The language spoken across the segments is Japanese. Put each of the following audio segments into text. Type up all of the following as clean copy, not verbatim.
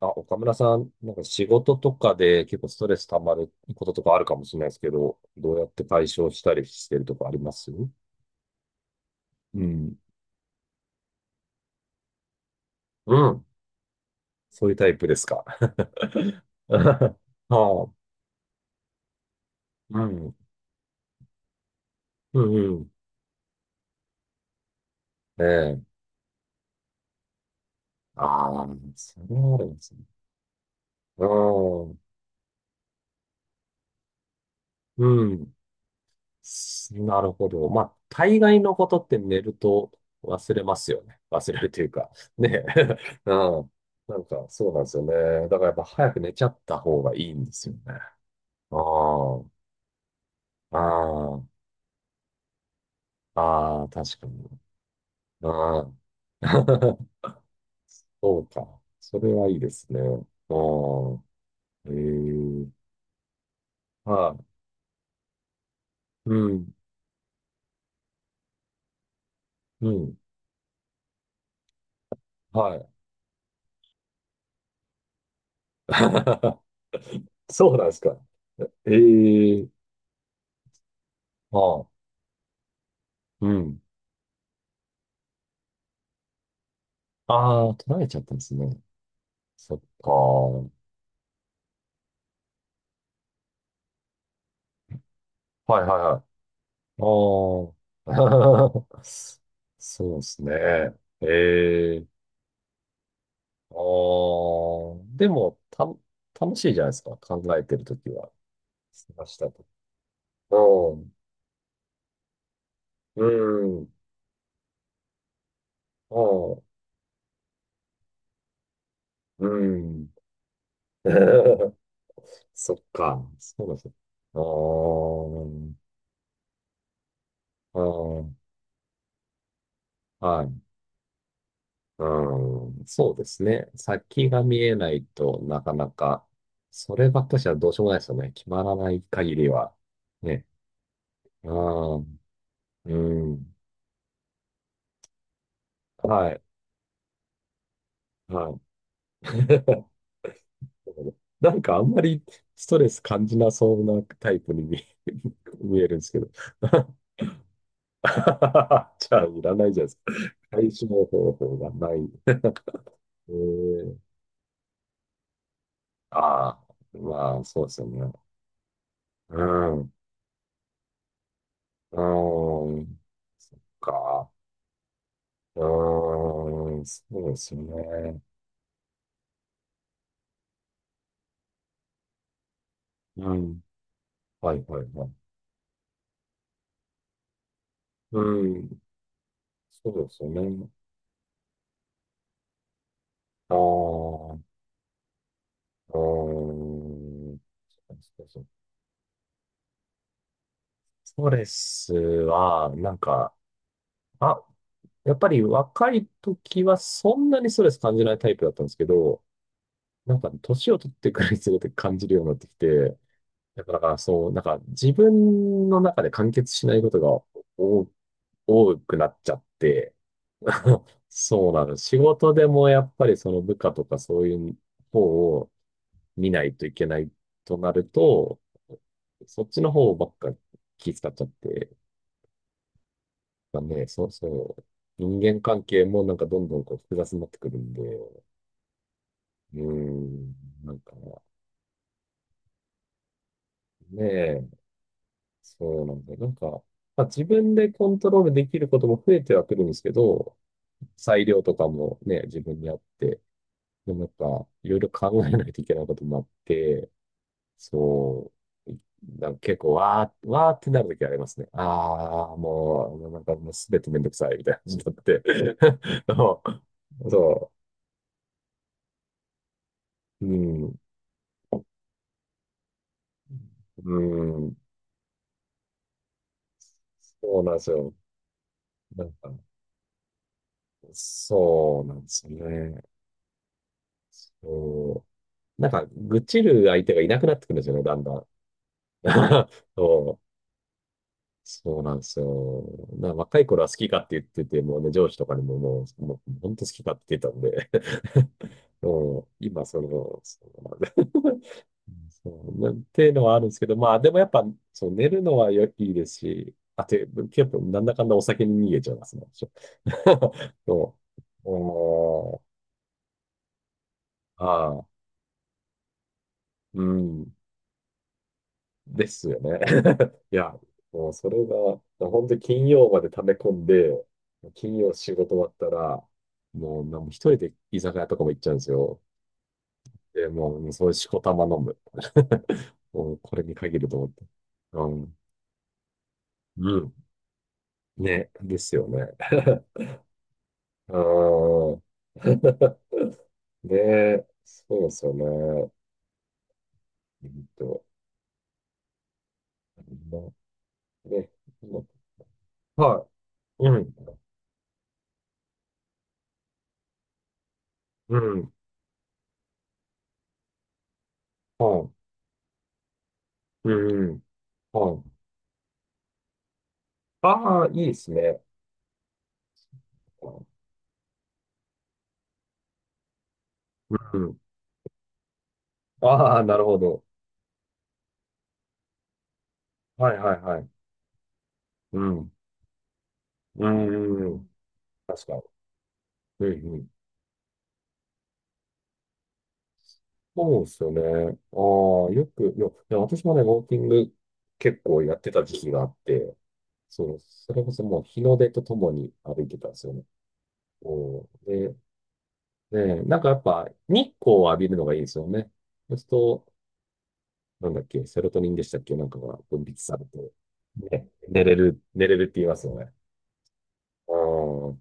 あ、岡村さん、なんか仕事とかで結構ストレス溜まることとかあるかもしれないですけど、どうやって解消したりしてるとかありますうん。うん。そういうタイプですか。ああ、うん。うんうん。ええ。ああ、それはあるんですね。うん。うん。なるほど。まあ、大概のことって寝ると忘れますよね。忘れるというか。ねえ。うん。なんか、そうなんですよね。だからやっぱ早く寝ちゃった方がいいんですよね。ああ、ああ、ああ、確かに。ああ、そうか。それはいいですね。ああ、ええ、はい。うん、うん、はい。そうなんですか。ええ、ああ、うん。ああ、取られちゃったんですね。そっか。はいはいはい。ああ。そうですね。ええ。ああ。でも、楽しいじゃないですか。考えてるときは。探したと。うん。うん。うん。うん。そっか。そうです。ああ。ああ。はい。うん、そうですね。先が見えないとなかなか、そればっかしはどうしようもないですよね。決まらない限りは。ね。ああ、うん。はい。はい。なんかあんまりストレス感じなそうなタイプに見え、見えるんですけど。じゃあ、いらないじゃないですか。解消方法がない。えー、ああ、まあ、そうですよね。うん。うん。そっか。ああ、そうですね。うん。はいはいはい。うん。そうですよね。ああ、うん。そうそうそう。ストレスは、なんか、あ、やっぱり若い時はそんなにストレス感じないタイプだったんですけど、なんか年を取ってくるにつれて感じるようになってきて、だからそう、なんか自分の中で完結しないことが多多くなっちゃって、そうなの。仕事でもやっぱりその部下とかそういう方を見ないといけないとなると、そっちの方ばっか気遣っちゃって、まあね、そうそう。人間関係もなんかどんどんこう複雑になってくるんで、うーん、なんかねえ、そうなんだよ。なんか、まあ、自分でコントロールできることも増えてはくるんですけど、裁量とかもね、自分にあって、でもやっぱいろいろ考えないといけないこともあって、そう。なんか結構、わー、わーってなるときありますね。ああ、もう、なんかもうすべてめんどくさいみたいな感じになって。そうそう。うん。うん。そうなんですよ。なんか、そうなんですよね。そう。なんか、愚痴る相手がいなくなってくるんですよね、だんだん。そう。そうなんですよ。若い頃は好きかって言ってて、もうね、上司とかにももう、もう本当好きかって言ってたんで。 うん今、その、そうなんだ。 そうなっていうのはあるんですけど、まあ、でもやっぱ、そう、寝るのはいいですし、あと、結構、なんだかんだお酒に逃げちゃいますね。ょ そうおー、ああ、うん、ですよね。いや、もうそれが、本当に金曜まで溜め込んで、金曜仕事終わったら、もう、なんも一人で居酒屋とかも行っちゃうんですよ。で、もう、もうそういうしこたま飲む。もう、これに限ると思って。うん。うん。ね、ですよね。うん。で、そうですよね。うんと、まね、まはい。うん。うん。はい。うん。はい。ああ、いいですね。うん。ああ、なるほど。はいはいはい。うん。うん。確かに。うん。そうですよね。ああ、よく、よ、いや私もね、ウォーキング結構やってた時期があって、そう、それこそもう日の出とともに歩いてたんですよね。おで、ね、なんかやっぱ日光を浴びるのがいいですよね。そうすると、なんだっけ、セロトニンでしたっけ、なんかが分泌されて、ね、寝れるって言いますよね。ああ、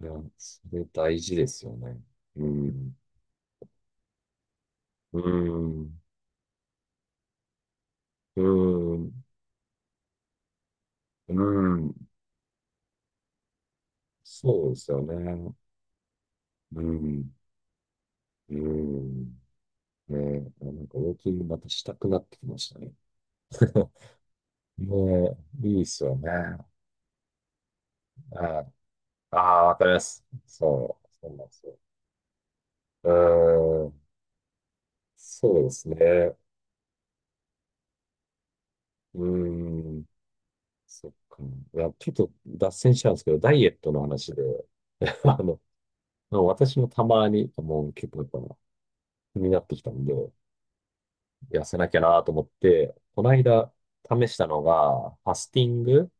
いや、それ大事ですよね。うん、うん、うん、うん、そうですよね。うん。うん。ねえ、なんかウォーキングまたしたくなってきましたね。ねえ、いいですよね。ああ、わかります。そう、そうなんですよ。うーん、そうですね。うーん、そっか。いや、ちょっと脱線しちゃうんですけど、ダイエットの話で、あの、私もたまに、もう結構やっぱ気になってきたんで、痩せなきゃなと思って、この間試したのが、ファスティング、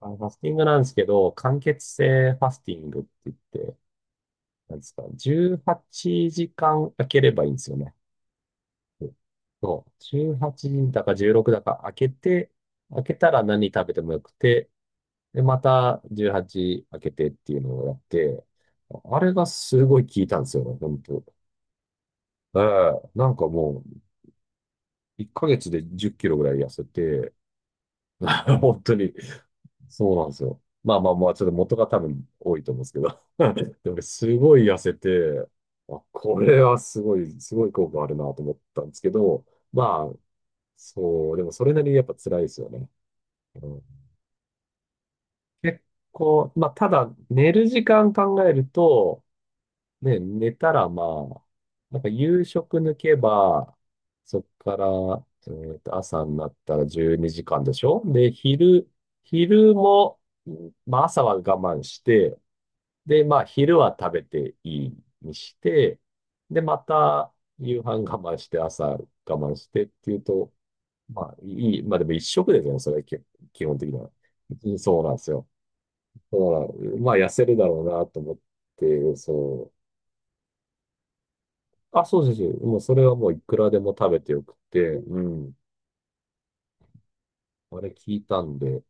あのファスティングなんですけど、間欠性ファスティングって言って、なんですか、18時間空ければいいんですよね。そう。18時だか16だか開けて、開けたら何食べてもよくて、で、また18開けてっていうのをやって、あれがすごい効いたんですよね、本当。ええ、なんかもう、1ヶ月で10キロぐらい痩せて、本当に、そうなんですよ。まあまあまあ、ちょっと元が多分多いと思うんですけど。で、俺すごい痩せて、あ、これはすごい効果あるなと思ったんですけど、まあ、そう、でもそれなりにやっぱ辛いですよね。うん、結構、まあ、ただ、寝る時間考えると、ね、寝たらまあ、なんか夕食抜けば、そっから、朝になったら12時間でしょで、昼も、まあ朝は我慢して、で、まあ、昼は食べていいにして、で、また夕飯我慢して、朝我慢してっていうと、まあ、いい、まあでも一食ですよね、それ、基本的には。うんそうなんですよ。だから、まあ、痩せるだろうなと思って、そう。あ、そうそうそう。もう、それはもういくらでも食べてよくて、うん。あれ聞いたんで、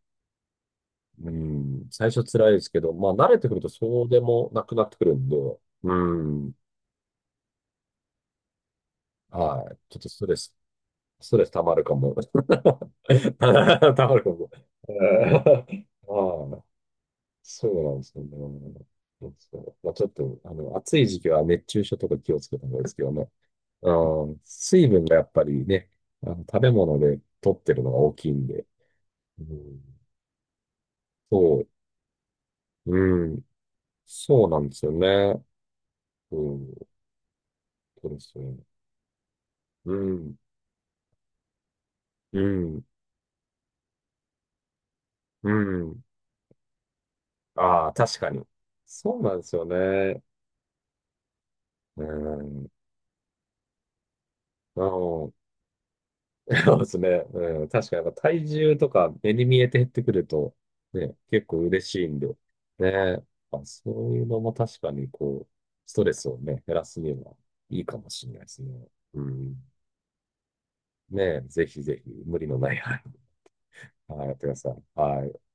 うん。最初辛いですけど、まあ、慣れてくるとそうでもなくなってくるんで、うん。はい。ちょっとストレス溜まるかも。溜まるかも。えああ、そうなんですよね。そう。まあ、ちょっと、あの、暑い時期は熱中症とか気をつけた方がいいですけどね。うん、水分がやっぱりね、あの、食べ物で取ってるのが大きいんで。うん、そう、うん、そうなんですよね。うん、そうですよね。うん、うん、うん。ああ、確かに。そうなんですよね。うん、うんそうですね。うん。確かにやっぱ体重とか目に見えて減ってくると、ね、結構嬉しいんで。ね。あ、そういうのも確かにこう、ストレスをね、減らすにはいいかもしれないですね。うん。ね、ぜひぜひ無理のない範囲、はい、やってください。はい。